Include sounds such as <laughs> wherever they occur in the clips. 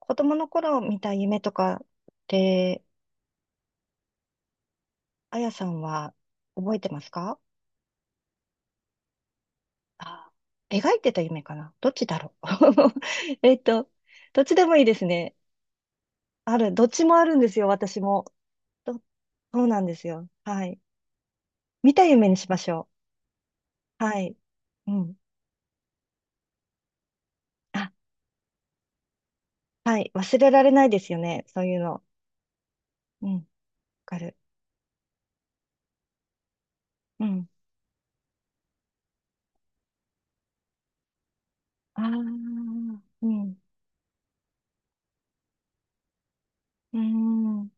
子供の頃見た夢とかって、あやさんは覚えてますか？あ、描いてた夢かな、どっちだろう。 <laughs> えっと、どっちでもいいですね。ある、どっちもあるんですよ、私も。ど、そうなんですよ。はい。見た夢にしましょう。はい。うん。あ、はい。忘れられないですよね、そういうの。うん。わかる。うん。ああ、うん。うーん。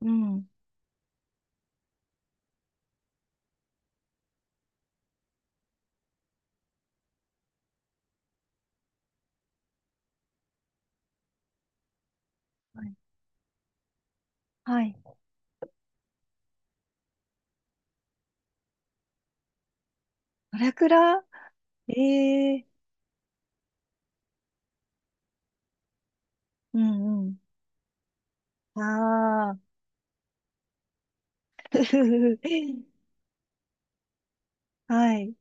うん。はい。はい。ドラクラ。ええ。うんうん。ああ、<laughs> ふふふ。はい。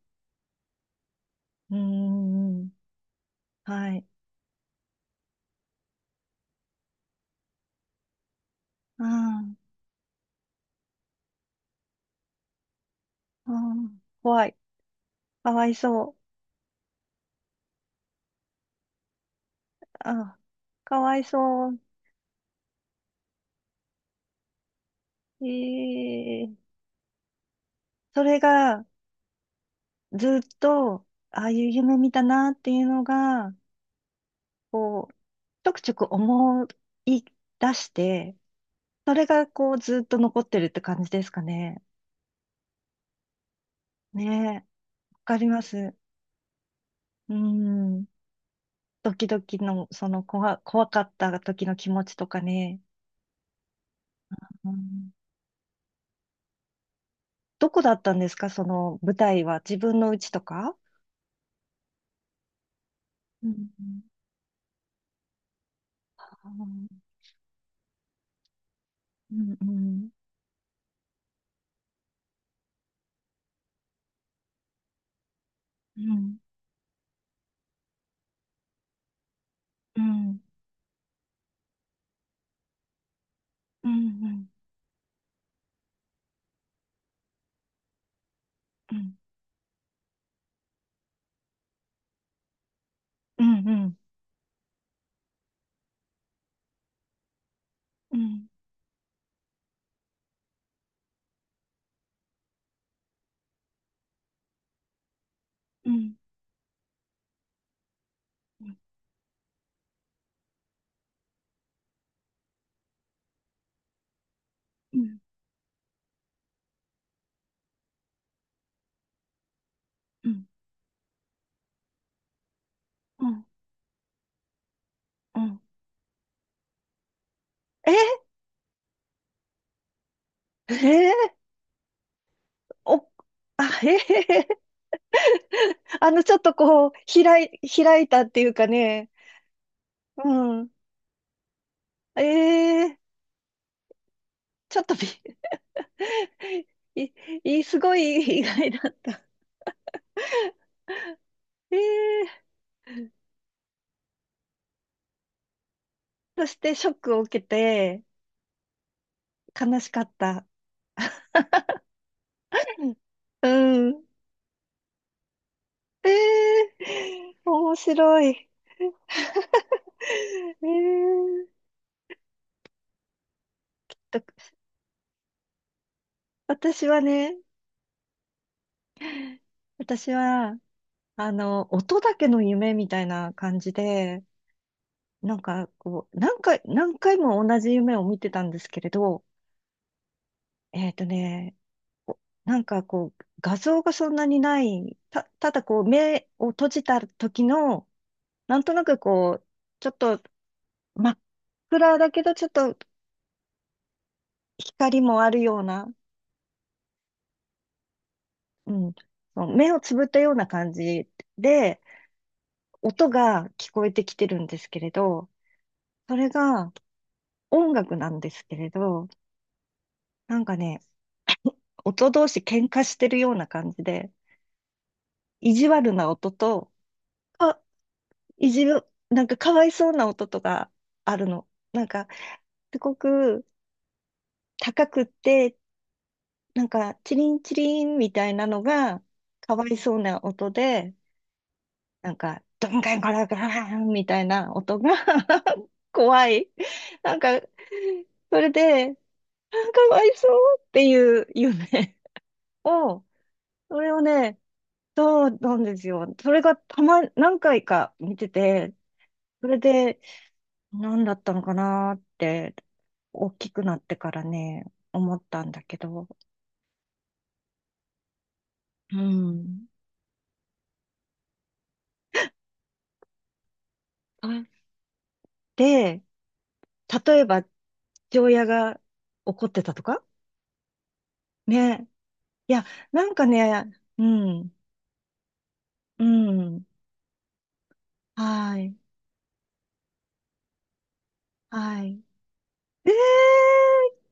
うんうんうん。はい。ああ、ああ、怖い。かわいそう。ああ、かわいそう。ええ。それが、ずっと、ああいう夢見たなっていうのが、こう、ちょくちょく思い出して、それが、こう、ずっと残ってるって感じですかね。ねえ、わかります。うん。ドキドキの、その怖かった時の気持ちとかね。うん、どこだったんですか、その舞台は。自分の家とか。うんうん。あー。うんうんうんうんうんうんうんうんうんうんうんうんうん。うん。ええ。お。あ、ええ。あの、ちょっとこう開いたっていうかね。うん。ええ。ちょっとび、い、い、すごい意外だった。ええ。そしてショックを受けて悲しかった。うん。ええ。面白い。ええと、私はね、私は、あの、音だけの夢みたいな感じで、なんかこう、何回も同じ夢を見てたんですけれど、えっとね、なんかこう、画像がそんなにない、ただこう、目を閉じた時の、なんとなくこう、ちょっと真っ暗だけど、ちょっと光もあるような、うん、そう目をつぶったような感じで、音が聞こえてきてるんですけれど、それが音楽なんですけれど、なんかね、音同士喧嘩してるような感じで、意地悪な音と、あ、意地、なんかかわいそうな音とかあるの。なんか、すごく高くって、なんか、チリンチリンみたいなのが、かわいそうな音で、なんか、ドンガンガラガランみたいな音が <laughs> 怖い。なんか、それで、あ、かわいそうっていう夢を、それをね、そうなんですよ。それがたま、何回か見てて、それで、何だったのかなって、大きくなってからね、思ったんだけど、うん。はい。で、例えば、父親が怒ってたとかね。いや、なんかね、うん、うん、はい、はい。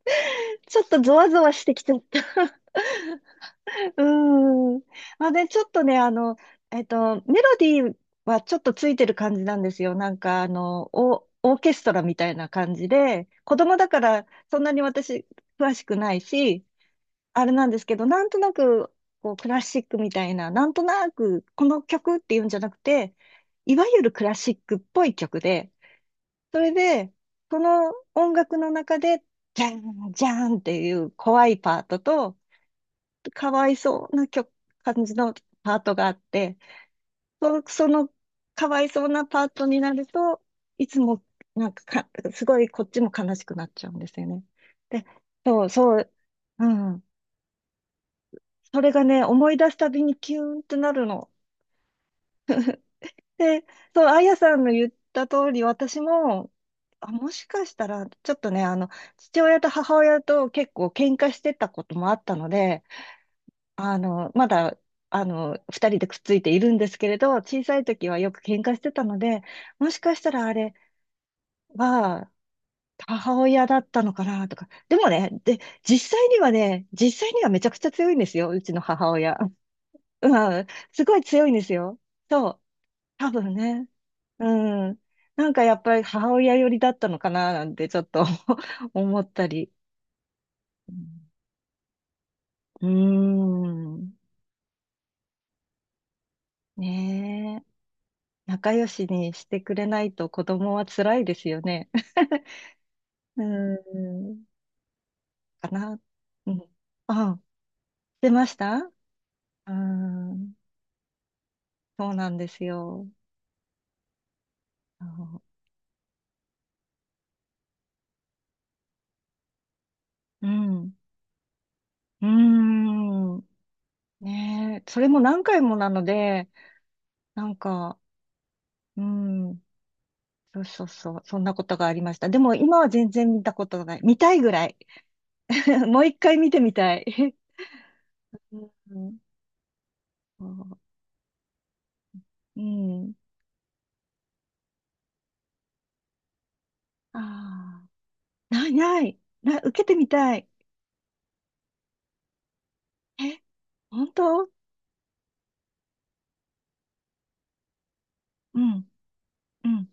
<laughs> ちょっとゾワゾワしてきちゃった。<laughs> うん。まあね、ちょっとね、メロディーはちょっとついてる感じなんですよ。なんか、あの、オオーケストラみたいな感じで、子供だからそんなに私詳しくないし、あれなんですけど、なんとなく、こう、クラシックみたいな、なんとなく、この曲っていうんじゃなくて、いわゆるクラシックっぽい曲で、それで、その音楽の中で、じゃん、じゃんっていう怖いパートと、かわいそうな曲、感じのパートがあって、そのかわいそうなパートになると、いつも、なんかか、すごいこっちも悲しくなっちゃうんですよね。で、そう、うん。それがね、思い出すたびにキューンってなるの。で、そう、あやさんの言った通り、私も、あ、もしかしたら、ちょっとね、あの、父親と母親と結構喧嘩してたこともあったので、あの、まだ、あの、二人でくっついているんですけれど、小さい時はよく喧嘩してたので、もしかしたらあれは、母親だったのかなとか。でもね、で、実際にはめちゃくちゃ強いんですよ、うちの母親。うん、すごい強いんですよ。そう。多分ね。うん。なんかやっぱり母親寄りだったのかななんてちょっと <laughs> 思ったり。うん。うーん。ねえ。仲良しにしてくれないと子供は辛いですよね。<laughs> うん。かな。うん。あ、出ました。うん。そうなんですよ。そう。うん。うーん。ねえ。それも何回もなので、なんか、うん。そうそうそう。そんなことがありました。でも今は全然見たことがない。見たいぐらい。<laughs> もう一回見てみたい。<laughs> うん。そう。うん。ああ。ないない。な、受けてみたい。え、本当？うん。うん。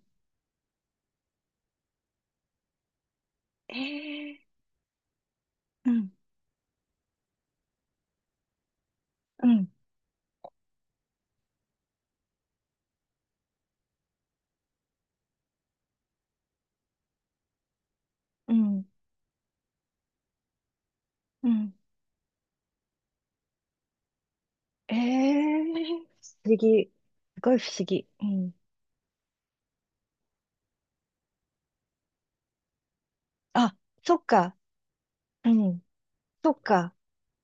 ええ。うん。うん。うん。うん。ええ、不思議。すごい不思議。うん。あ、そっか。うん。そっか。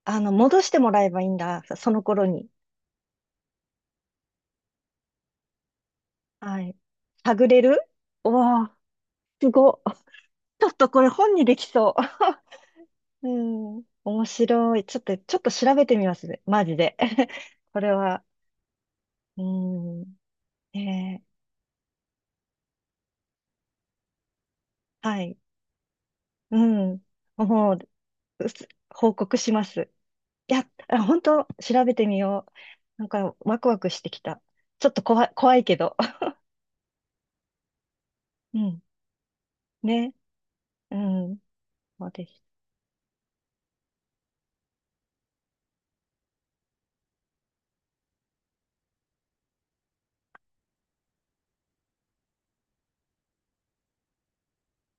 あの、戻してもらえばいいんだ。その頃に。はい。探れる。おおー、すご。ちょっとこれ本にできそう。うん。面白い。ちょっと、ちょっと調べてみますね。マジで。<laughs> これは。うん。ねえ。はい。うん。もう、うす報告します。いや、あ本当調べてみよう。なんか、ワクワクしてきた。ちょっとい、怖いけど。<laughs> うん。ね。うん。そうです。